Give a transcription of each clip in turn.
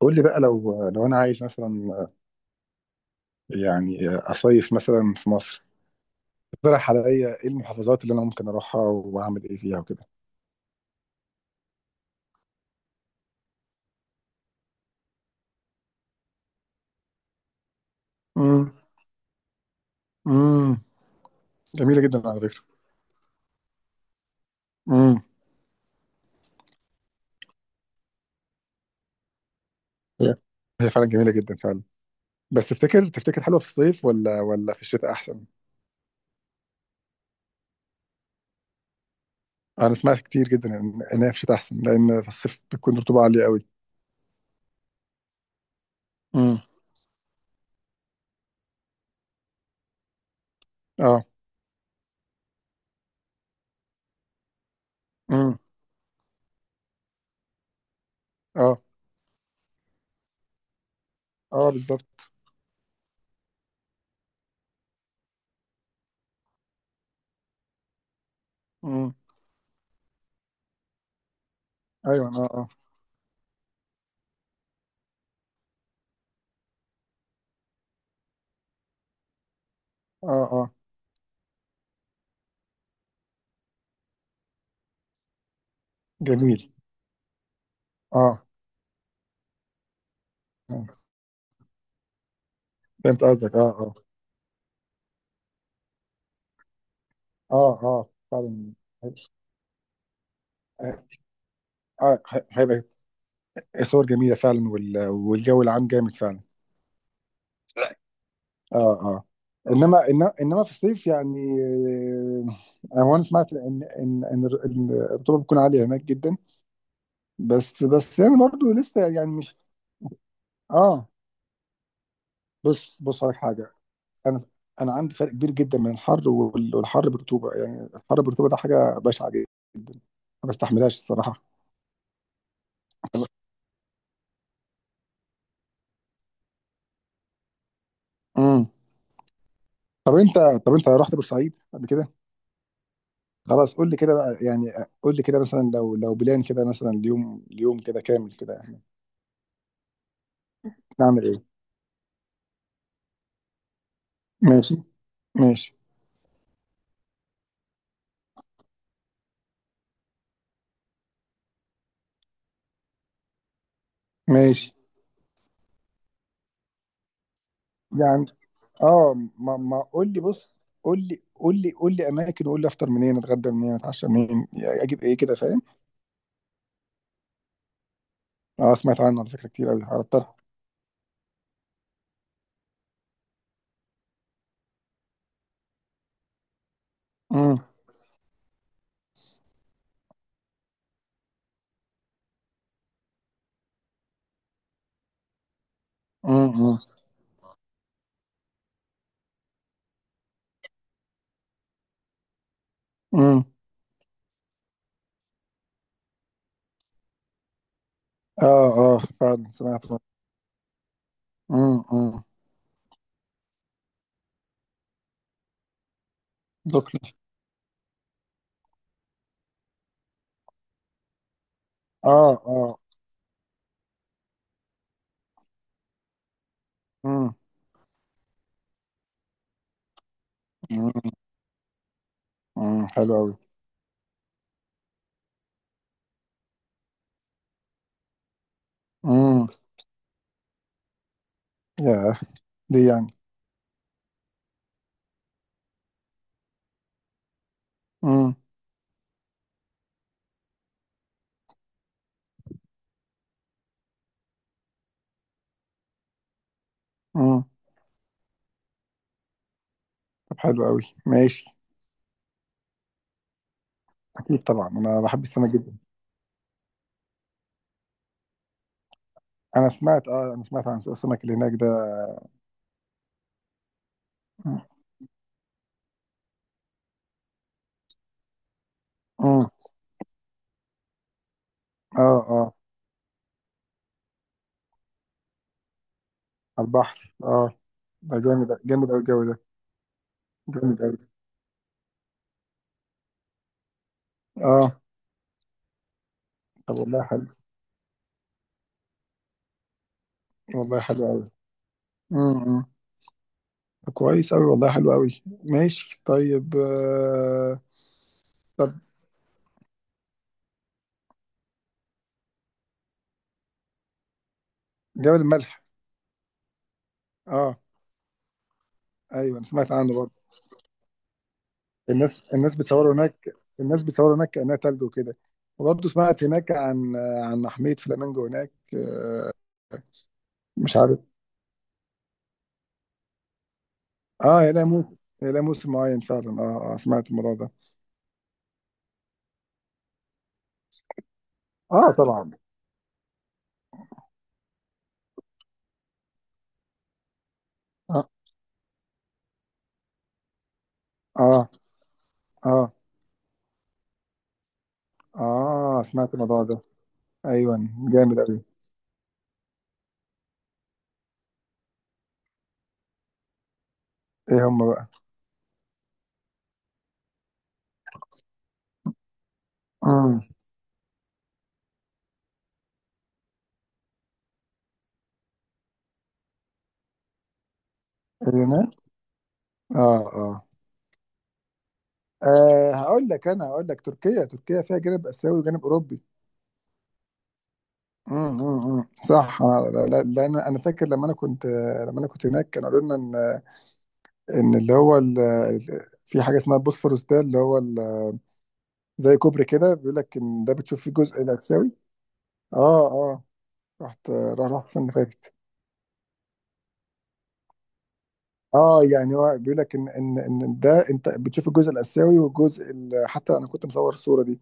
قول لي بقى، لو انا عايز مثلا يعني اصيف مثلا في مصر. اقترح عليا ايه المحافظات اللي انا ممكن اروحها واعمل ايه فيها وكده؟ امم. امم، جميله جدا على فكره. امم. هي هي فعلا جميله جدا فعلا. بس تفتكر حلوه في الصيف ولا في الشتاء احسن؟ انا سمعت كتير جدا إن هي في الشتاء احسن، لان في الصيف بتكون رطوبه عاليه قوي. امم. اه. امم. اه، اه بالظبط. امم. ايوه، اه اه. اه اه، جميل. اه. آه. فهمت قصدك، اه اه. اه اه فعلا. آه. آه، هيبقى صور جميلة فعلا، والجو العام جامد فعلا. لا. اه اه. انما في الصيف يعني آه، هو انا سمعت إن الرطوبه بتكون عاليه هناك جدا. بس يعني برضو لسه يعني مش. اه. بص، بص على حاجه. انا انا عندي فرق كبير جدا بين الحر والحر بالرطوبه، يعني الحر بالرطوبه ده حاجه بشعه جدا، ما بستحملهاش الصراحه. امم. طب انت طب انت رحت بورسعيد قبل كده؟ خلاص قول لي كده بقى يعني. قول لي كده مثلا، لو بلان كده مثلا، اليوم كده كامل كده يعني نعمل ايه؟ ماشي. ماشي. ماشي يعني اه. ما ما قول لي، بص. قول لي اماكن، وقول لي افطر منين، اتغدى منين، اتعشى منين، يعني اجيب ايه كده فاهم؟ اه، سمعت عنه على فكره كتير قوي على الطرح. امم. امم. امم. اه اه فعلا سمعت. امم. امم. دوكلي. اه اه. امم. امم، حلو قوي. امم. يا. دي يعني. امم. طب حلو قوي ماشي. اكيد طبعا، انا بحب السمك جدا. انا سمعت، اه انا سمعت عن سوق السمك اللي هناك ده. امم. اه اه. على البحر اه. ده جامد جامد قوي الجو ده. جامد قوي. اه. طب والله حلو. والله حلو قوي. امم. طب كويس قوي، والله حلو قوي ماشي، طيب آه. طب، جبل الملح؟ اه. ايوه انا سمعت عنه برضه. الناس بتصوروا هناك. بتصوروا هناك كأنها تلج وكده. وبرضه سمعت هناك عن محمية فلامينجو هناك آه. مش عارف. اه، هي لها موسم. هي لها موسم معين فعلا. اه اه سمعت الموضوع ده. اه طبعا. اه اه. اه. آه سمعت الموضوع ده. ايوه. جامد قوي. ايه هم بقى؟ امم. اليونان. اه اه. آه، هقول لك تركيا. تركيا فيها جانب اسيوي وجانب اوروبي. امم. أمم، أمم. صح. انا لان انا فاكر لما انا كنت. هناك كانوا قالوا لنا ان ان اللي هو في حاجه اسمها البوسفورس، ده اللي هو زي كوبري كده، بيقول لك ان ده بتشوف فيه الجزء الاسيوي. اه اه. رحت السنة اللي فاتت. اه. يعني هو بيقول لك ان ان ان ده انت بتشوف الجزء الاسيوي حتى انا كنت مصور الصوره دي،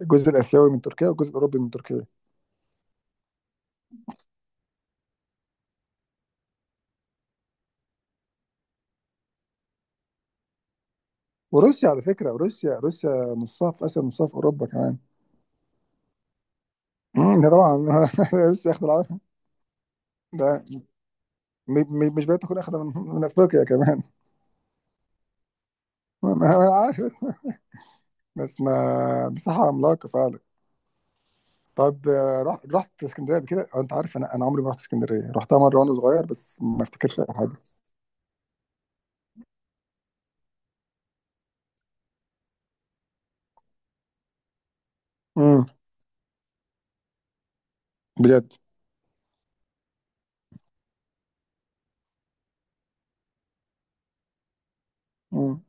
الجزء الاسيوي من تركيا والجزء الاوروبي من تركيا. وروسيا على فكره، روسيا نصها في اسيا ونصها في اوروبا كمان. امم، ده طبعا. روسيا اخد العافيه. ده مش بقيت تكون اخد من، افريقيا كمان؟ ما انا عارف، بس ما مساحه عملاقه فعلا. طب آه، رحت اسكندريه قبل كده؟ أو انت عارف، انا عمري ما رحت اسكندريه، رحتها مره وانا صغير بس ما افتكرش اي حاجه. بجد. مم.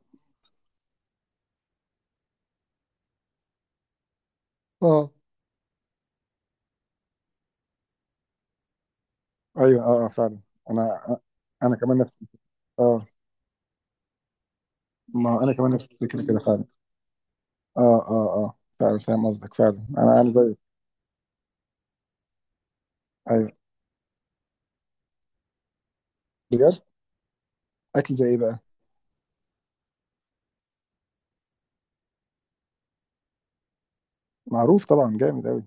اه، ايوه اه اه فعلا. انا. انا كمان نفس اه. ما انا كمان نفس الفكره كده فعلا. اه. اه اه فعلا فاهم قصدك فعلا، انا زيك. ايوه. بجد. اكل زي ايه بقى؟ معروف طبعا جامد قوي.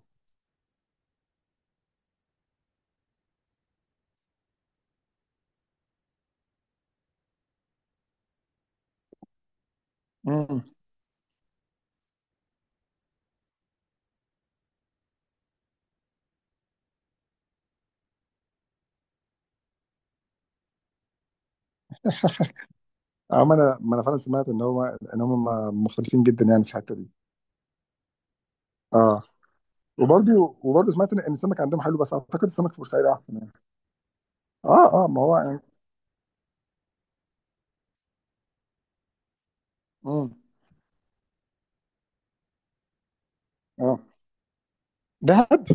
امم. اه، ما انا فعلا سمعت ان هو ان هم مختلفين جدا يعني في الحته دي. اه. وبرضه سمعت ان السمك عندهم حلو، بس اعتقد السمك في بورسعيد احسن يعني. اه اه ما هو يعني. امم. اه. دهب.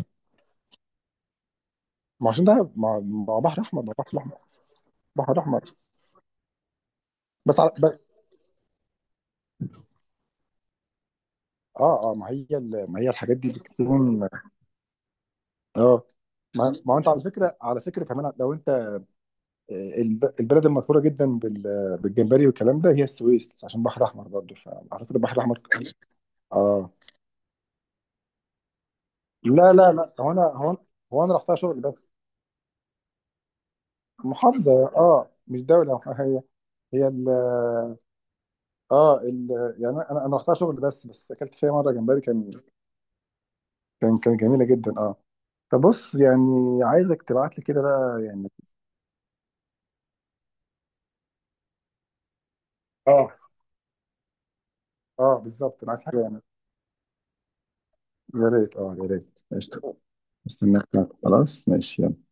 ما عشان دهب، ما هو بحر احمر، ما هو بحر احمر. بحر احمر. بس على. اه اه. ما هي ما هي الحاجات دي بتكون. اه، ما هو انت على فكره، كمان لو انت آه، البلد المشهوره جدا بالجمبري والكلام ده، هي السويس، عشان بحر احمر برضه، فاعتقد البحر الاحمر. اه. لا لا لا، هو انا رحتها شغل بس. محافظه. اه مش دوله، هي ال. اه ال. يعني انا رحتها شغل بس، بس اكلت فيها مره جمبري، كان كان جميله جدا اه. فبص يعني عايزك تبعت لي كده بقى يعني. اه اه بالظبط، انا عايز حاجه يعني. يا ريت، اه يا ريت، قشطه. استناك. خلاص ماشي يلا.